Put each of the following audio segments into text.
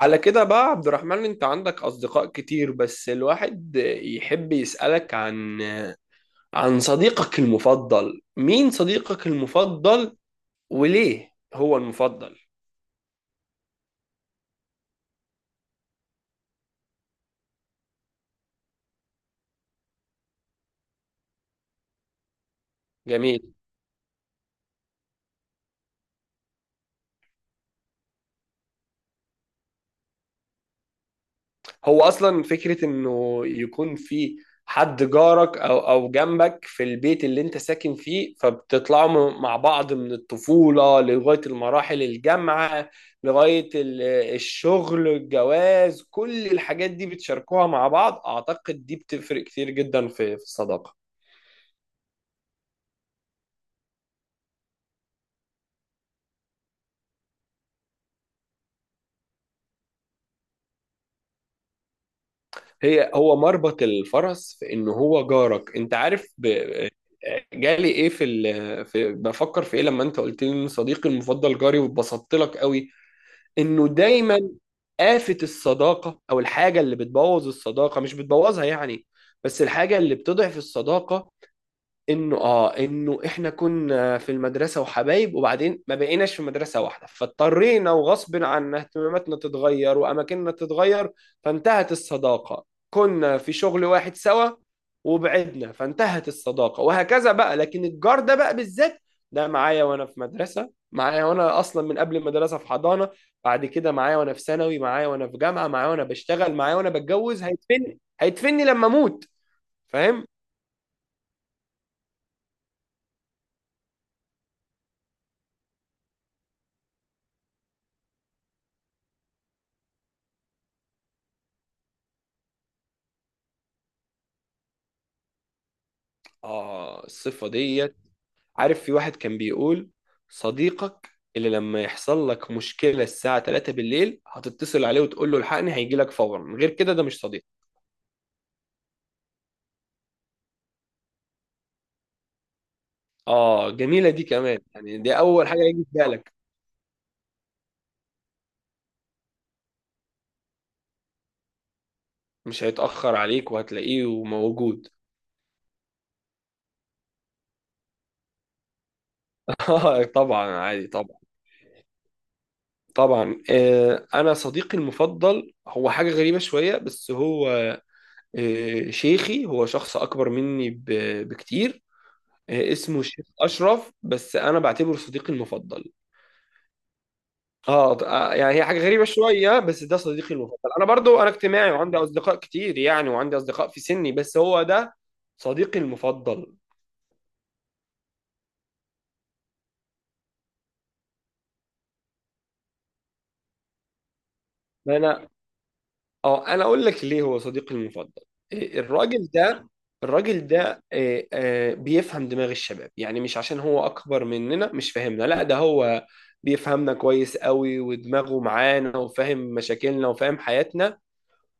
على كده بقى عبد الرحمن، انت عندك اصدقاء كتير بس الواحد يحب يسألك عن صديقك المفضل. مين صديقك المفضل وليه هو المفضل؟ جميل. هو اصلا فكره انه يكون في حد جارك او جنبك في البيت اللي انت ساكن فيه، فبتطلعوا مع بعض من الطفوله لغايه المراحل الجامعه، لغايه الشغل، الجواز، كل الحاجات دي بتشاركوها مع بعض. اعتقد دي بتفرق كتير جدا في الصداقه. هو مربط الفرس، في ان هو جارك. انت عارف. جالي ايه في بفكر في ايه لما انت قلت لي ان صديقي المفضل جاري، واتبسطت لك قوي انه دايما آفة الصداقة او الحاجة اللي بتبوظ الصداقة، مش بتبوظها يعني بس الحاجة اللي بتضعف الصداقة، انه احنا كنا في المدرسه وحبايب، وبعدين ما بقيناش في مدرسه واحده، فاضطرينا وغصب عنا اهتماماتنا تتغير واماكننا تتغير فانتهت الصداقه. كنا في شغل واحد سوا وبعدنا فانتهت الصداقه، وهكذا بقى. لكن الجار ده بقى بالذات، ده معايا وانا في مدرسه، معايا وانا اصلا من قبل المدرسه في حضانه، بعد كده معايا وانا في ثانوي، معايا وانا في جامعه، معايا وانا بشتغل، معايا وانا بتجوز، هيدفني لما اموت. فاهم؟ اه، الصفه دي. عارف في واحد كان بيقول صديقك اللي لما يحصل لك مشكلة الساعة 3 بالليل هتتصل عليه وتقول له الحقني، هيجي لك فورا. من غير كده ده مش صديق. اه، جميلة دي كمان. يعني دي اول حاجة هيجي في بالك، مش هيتأخر عليك وهتلاقيه موجود. اه طبعا، عادي طبعا. طبعا انا صديقي المفضل هو حاجة غريبة شوية، بس هو شيخي، هو شخص اكبر مني بكتير. اسمه الشيخ اشرف بس انا بعتبره صديقي المفضل. اه. يعني هي حاجه غريبه شويه بس ده صديقي المفضل. انا برضو انا اجتماعي وعندي اصدقاء كتير يعني، وعندي اصدقاء في سني بس هو ده صديقي المفضل. انا اه انا اقول لك ليه هو صديقي المفضل. إيه، الراجل ده الراجل ده إيه، آه، بيفهم دماغ الشباب. يعني مش عشان هو اكبر مننا مش فاهمنا، لا ده هو بيفهمنا كويس قوي ودماغه معانا وفاهم مشاكلنا وفاهم حياتنا.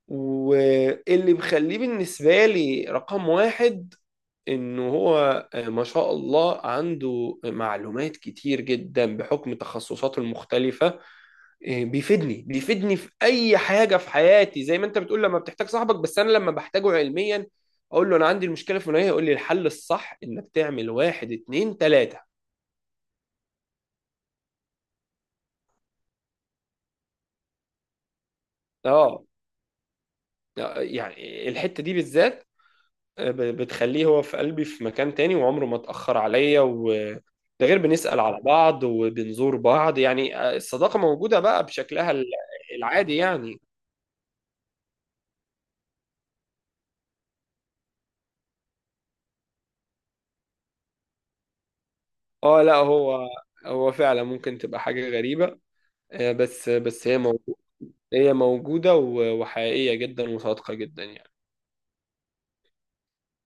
واللي مخليه بالنسبه لي رقم واحد انه هو ما شاء الله عنده معلومات كتير جدا بحكم تخصصاته المختلفة. بيفيدني في اي حاجة في حياتي. زي ما انت بتقول لما بتحتاج صاحبك، بس انا لما بحتاجه علميا اقول له انا عندي المشكلة في منوية، يقول لي الحل الصح انك تعمل واحد اتنين تلاتة. اه، يعني الحتة دي بالذات بتخليه هو في قلبي في مكان تاني، وعمره ما اتأخر عليا. و ده غير بنسأل على بعض وبنزور بعض، يعني الصداقة موجودة بقى بشكلها العادي يعني. اه لا، هو فعلا ممكن تبقى حاجة غريبة. بس هي موجودة. هي موجودة وحقيقية جدا وصادقة جدا يعني.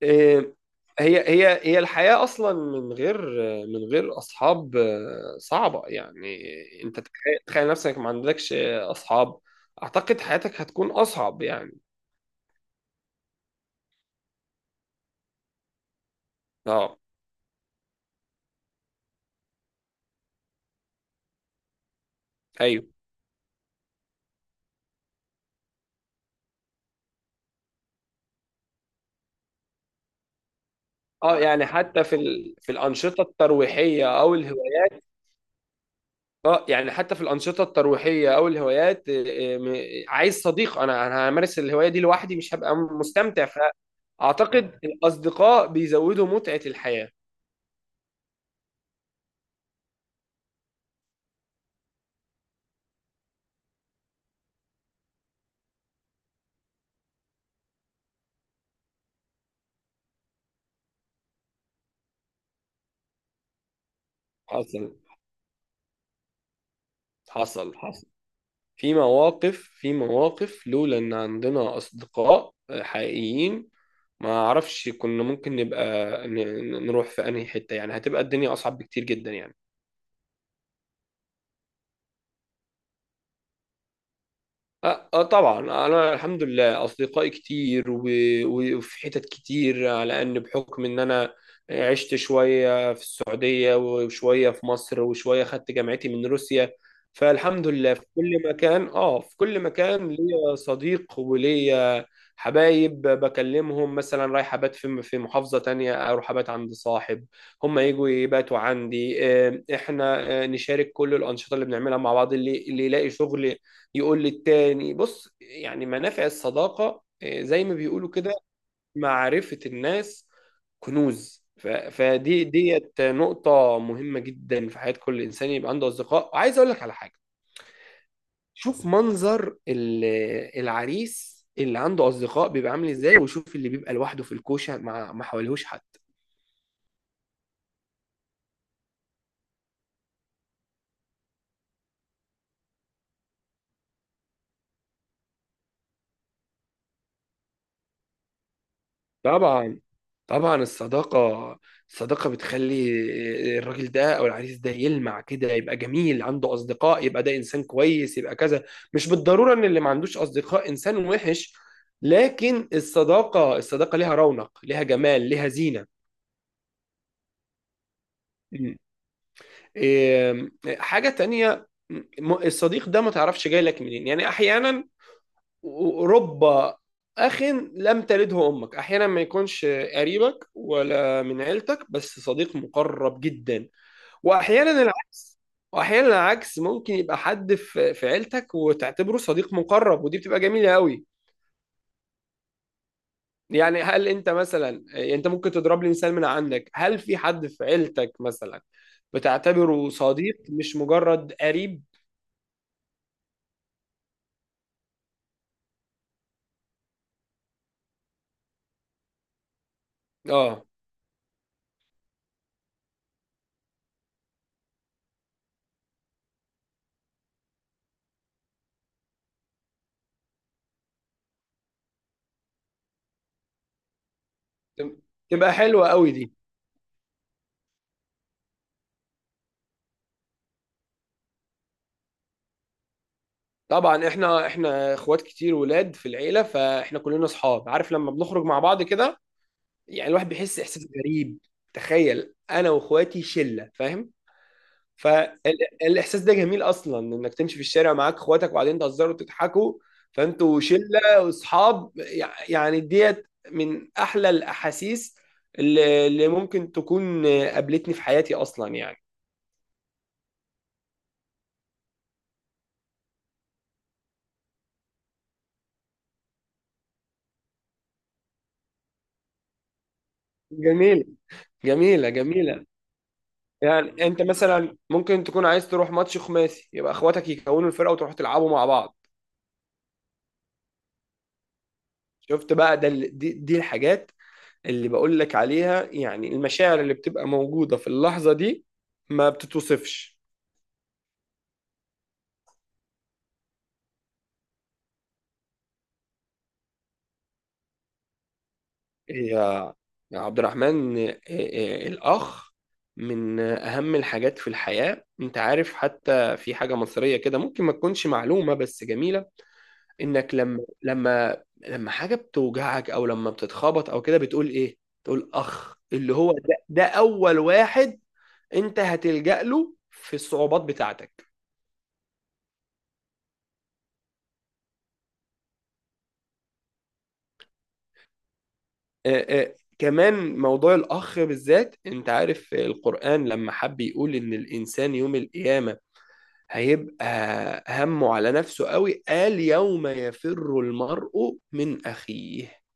إيه، هي هي هي الحياة أصلا من غير، من غير أصحاب صعبة يعني. أنت تخيل، تخيل نفسك ما عندكش أصحاب، أعتقد حياتك هتكون أصعب يعني. أه أيوه أه، يعني حتى في في الأنشطة الترويحية أو الهوايات. أه يعني حتى في الأنشطة الترويحية أو الهوايات، عايز صديق. أنا همارس الهواية دي لوحدي مش هبقى مستمتع. فأعتقد الأصدقاء بيزودوا متعة الحياة. حصل، حصل حصل. في مواقف لولا ان عندنا اصدقاء حقيقيين ما اعرفش كنا ممكن نبقى نروح في انهي حتة. يعني هتبقى الدنيا اصعب بكتير جدا يعني. اه، طبعا. انا الحمد لله اصدقائي كتير، وفي حتت كتير، على ان بحكم ان انا عشت شويه في السعوديه وشويه في مصر وشويه خدت جامعتي من روسيا. فالحمد لله في كل مكان ليا صديق وليا حبايب بكلمهم. مثلا رايح ابات في محافظه تانية، اروح ابات عند صاحب، هم يجوا يباتوا عندي. احنا نشارك كل الانشطه اللي بنعملها مع بعض، اللي يلاقي شغل يقول للتاني بص. يعني منافع الصداقة، زي ما بيقولوا كده، معرفة الناس كنوز. فدي ديت نقطة مهمة جدا في حياة كل إنسان يبقى عنده أصدقاء. وعايز أقول لك على حاجة، شوف منظر العريس اللي عنده أصدقاء بيبقى عامل إزاي، وشوف اللي بيبقى لوحده في الكوشة مع ما حواليهوش حد. طبعا. طبعا الصداقة بتخلي الراجل ده أو العريس ده يلمع كده. يبقى جميل عنده أصدقاء، يبقى ده إنسان كويس، يبقى كذا. مش بالضرورة إن اللي ما عندوش أصدقاء إنسان وحش، لكن الصداقة ليها رونق، ليها جمال، ليها زينة. مم. إيه، حاجة تانية. الصديق ده ما تعرفش جاي لك منين. يعني أحيانا رب أخ لم تلده أمك، أحيانا ما يكونش قريبك ولا من عيلتك بس صديق مقرب جدا. واحيانا العكس. واحيانا العكس ممكن يبقى حد في عيلتك وتعتبره صديق مقرب، ودي بتبقى جميله قوي. يعني هل انت مثلا، يعني انت ممكن تضرب لي مثال من عندك، هل في حد في عيلتك مثلا بتعتبره صديق مش مجرد قريب؟ اه، تب- تبقى حلوه قوي دي. طبعا احنا، اخوات كتير ولاد في العيله، فاحنا كلنا اصحاب. عارف لما بنخرج مع بعض كده، يعني الواحد بيحس احساس غريب. تخيل انا واخواتي شله، فاهم؟ فالاحساس ده جميل اصلا، انك تمشي في الشارع معاك اخواتك وبعدين تهزروا وتضحكوا، فانتوا شله واصحاب، يعني ديت من احلى الاحاسيس اللي ممكن تكون قابلتني في حياتي اصلا يعني. جميلة، جميلة جميلة. يعني انت مثلا ممكن تكون عايز تروح ماتش خماسي يبقى اخواتك يكونوا الفرقة وتروحوا تلعبوا مع بعض. شفت بقى ده دي الحاجات اللي بقول لك عليها، يعني المشاعر اللي بتبقى موجودة في اللحظة دي ما بتتوصفش. يا يا عبد الرحمن، إيه- إيه، الأخ من أهم الحاجات في الحياة. أنت عارف حتى في حاجة مصرية كده ممكن ما تكونش معلومة بس جميلة، إنك لما حاجة بتوجعك أو لما بتتخبط أو كده بتقول إيه؟ تقول أخ. اللي هو ده أول واحد أنت هتلجأ له في الصعوبات بتاعتك. كمان موضوع الأخ بالذات. أنت عارف القرآن لما حب يقول إن الإنسان يوم القيامة هيبقى همه على نفسه قوي، قال: يوم يفر المرء من أخيه.